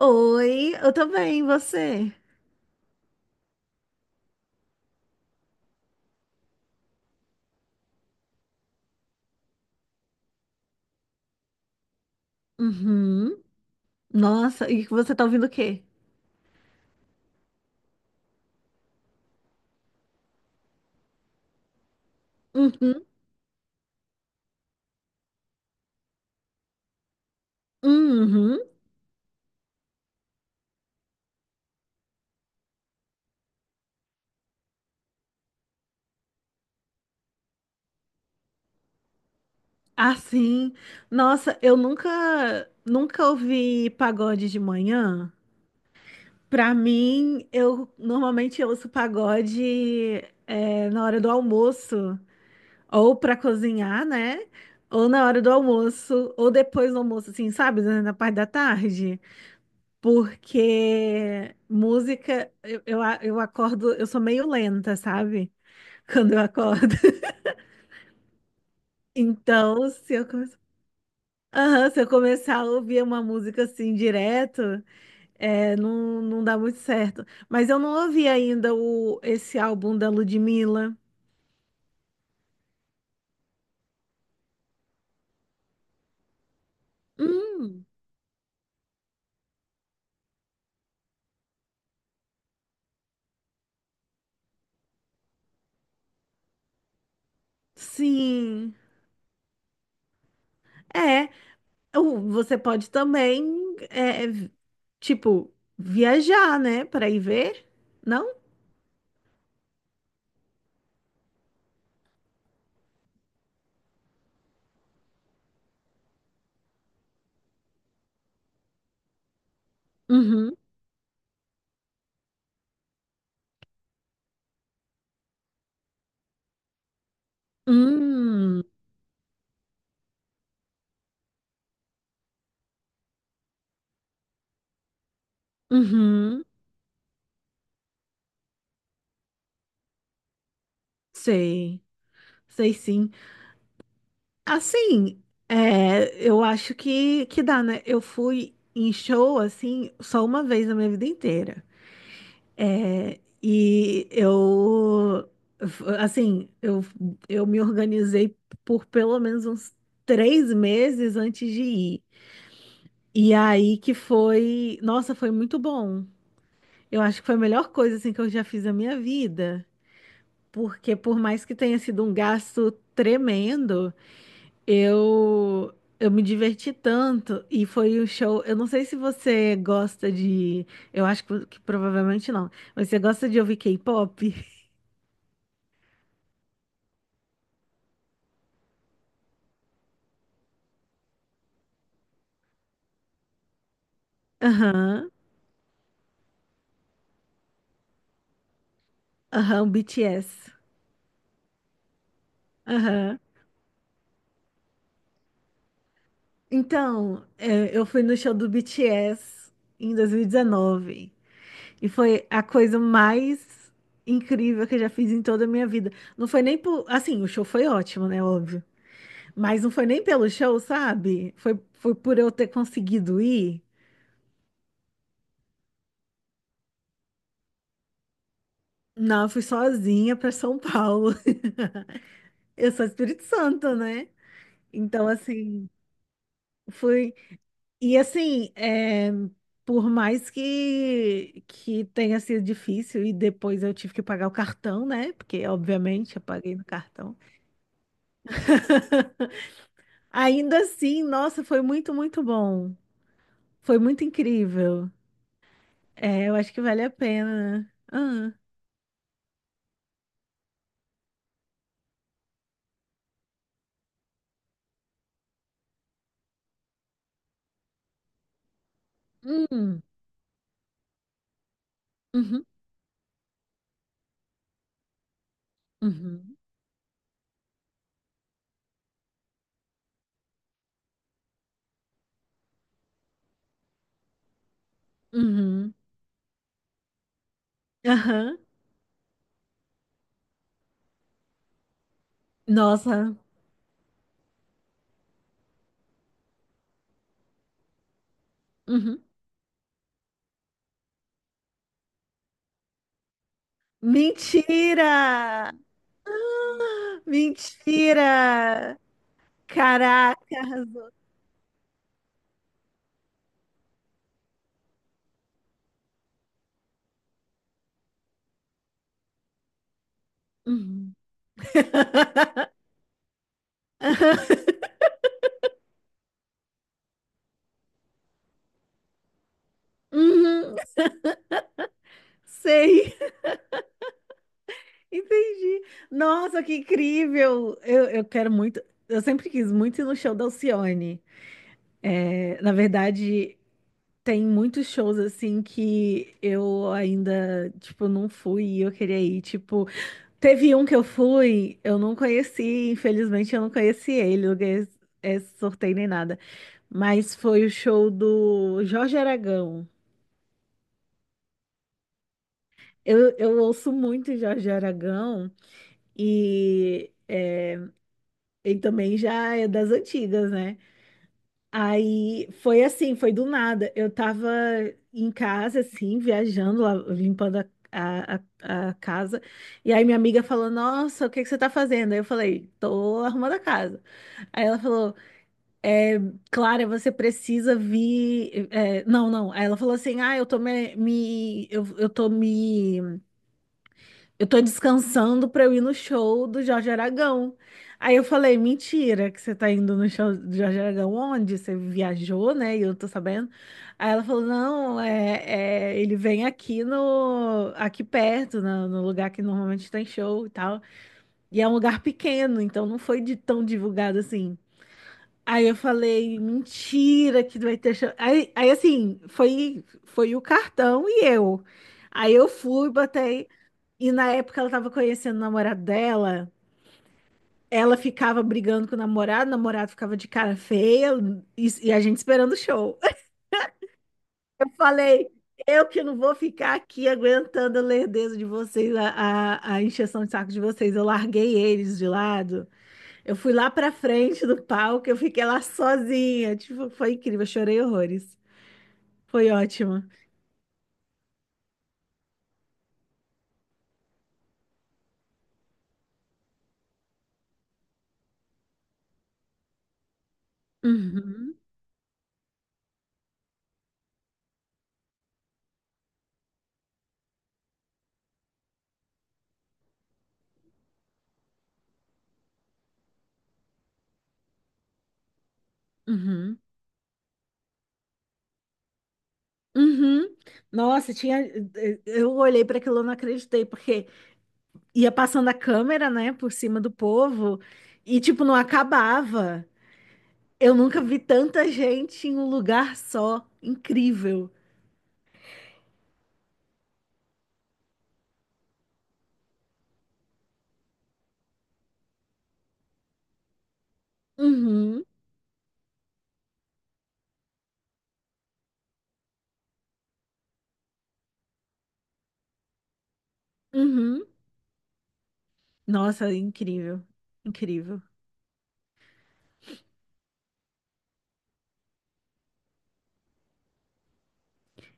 Oi, eu também, e você? Uhum. Nossa, e você tá ouvindo o quê? Uhum. Uhum. Ah, sim. Nossa, eu nunca, nunca ouvi pagode de manhã. Pra mim, eu normalmente eu ouço pagode é, na hora do almoço, ou pra cozinhar, né? Ou na hora do almoço, ou depois do almoço, assim, sabe? Na parte da tarde. Porque música, eu acordo, eu sou meio lenta, sabe? Quando eu acordo. Então, se eu começar, aham, se eu começar a ouvir uma música assim direto, é, não, não dá muito certo. Mas eu não ouvi ainda esse álbum da Ludmilla. Hum, sim. É, você pode também, é, tipo, viajar, né? Para ir ver, não? Uhum. Hum. Uhum, sei, sei sim. Assim, é, eu acho que dá, né? Eu fui em show, assim, só uma vez na minha vida inteira. É, e eu, assim, eu me organizei por pelo menos uns 3 meses antes de ir. E aí que foi, nossa, foi muito bom. Eu acho que foi a melhor coisa, assim, que eu já fiz na minha vida. Porque por mais que tenha sido um gasto tremendo, Eu, eu me diverti tanto e foi o show. Eu não sei se você gosta de. Eu acho que provavelmente não. Mas você gosta de ouvir K-pop? Aham, aham, o BTS. Aham. Então, é, eu fui no show do BTS em 2019 e dezenove e foi a coisa mais incrível que eu já fiz em toda a minha vida. Não foi nem por. Assim, o show foi ótimo, né? Óbvio. Mas não foi nem pelo show, sabe? Foi por eu ter conseguido ir. Não, eu fui sozinha para São Paulo. Eu sou Espírito Santo, né? Então, assim, fui. E, assim, é, por mais que tenha sido difícil, e depois eu tive que pagar o cartão, né? Porque, obviamente, eu paguei no cartão. Ainda assim, nossa, foi muito, muito bom. Foi muito incrível. É, eu acho que vale a pena. Ah, hum, uhum, uhum, uhum, aham. Nossa. Uhum. Mentira! Ah, mentira! Caraca, arrasou. Uhum. Uhum, sei, entendi. Nossa, que incrível! Eu quero muito, eu sempre quis muito ir no show da Alcione. É, na verdade, tem muitos shows assim que eu ainda, tipo, não fui e eu queria ir, tipo. Teve um que eu fui, eu não conheci, infelizmente eu não conheci ele, não ganhei esse sorteio nem nada. Mas foi o show do Jorge Aragão. Eu ouço muito Jorge Aragão e é, ele também já é das antigas, né? Aí foi assim, foi do nada. Eu tava em casa, assim, viajando, lá, limpando a, a casa. E aí minha amiga falou: Nossa, o que que você tá fazendo? Aí eu falei: Tô arrumando a casa. Aí ela falou: é, Clara, você precisa vir. É, não, não. Aí ela falou assim: Ah, eu tô descansando pra eu ir no show do Jorge Aragão. Aí eu falei, mentira, que você tá indo no show do Jorge Aragão, onde? Você viajou, né? E eu tô sabendo. Aí ela falou, não, ele vem aqui perto, no lugar que normalmente tem show e tal. E é um lugar pequeno, então não foi tão divulgado assim. Aí eu falei, mentira, que vai ter show. Aí assim, foi o cartão e eu. Aí eu fui, botei. E na época ela tava conhecendo o namorado dela, ela ficava brigando com o namorado ficava de cara feia e a gente esperando o show. Eu falei, eu que não vou ficar aqui aguentando a lerdeza de vocês, a encheção de saco de vocês. Eu larguei eles de lado, eu fui lá pra frente do palco, eu fiquei lá sozinha. Tipo, foi incrível, eu chorei horrores. Foi ótimo. Uhum, uhum, uhum. Nossa, tinha. Eu olhei para aquilo, eu não acreditei, porque ia passando a câmera, né, por cima do povo e tipo não acabava. Eu nunca vi tanta gente em um lugar só. Incrível. Uhum, uhum. Nossa, incrível. Incrível.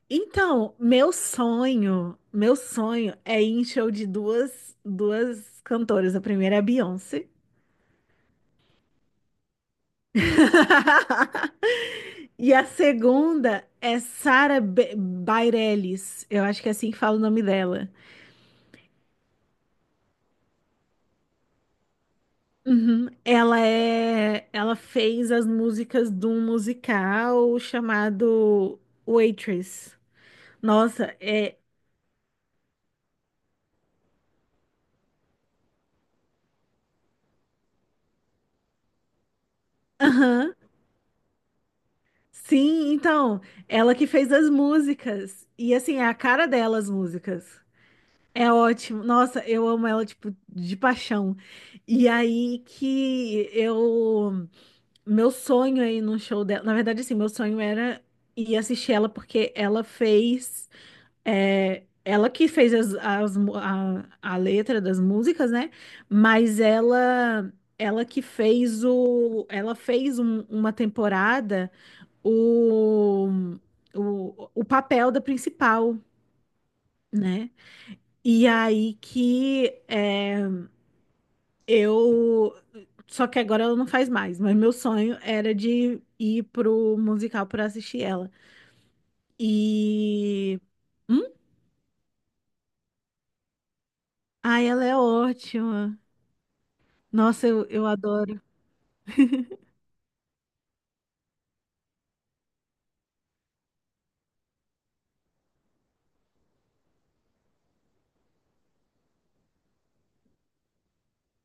Então, meu sonho é ir em show de duas cantoras. A primeira é a Beyoncé. E a segunda é Sarah Bareilles. Eu acho que é assim que fala o nome dela. Uhum. Ela é, ela fez as músicas de um musical chamado Waitress. Nossa, é, aham. Sim, então, ela que fez as músicas e assim, é a cara dela as músicas. É ótimo. Nossa, eu amo ela tipo de paixão. E aí que eu meu sonho aí no show dela, na verdade assim, meu sonho era ir assistir ela porque ela fez. É, ela que fez a letra das músicas, né? Mas ela que fez uma temporada o, o papel da principal, né? E aí que é, eu só que agora ela não faz mais, mas meu sonho era de ir pro musical para assistir ela. E hum? Ai, ela é ótima. Nossa, eu adoro.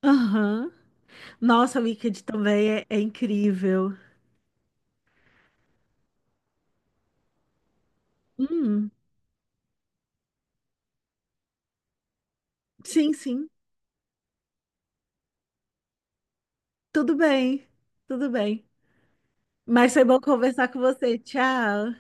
Aham. Nossa, o Wicked também é incrível. Hum, sim, sim. Tudo bem. Tudo bem. Mas foi bom conversar com você. Tchau.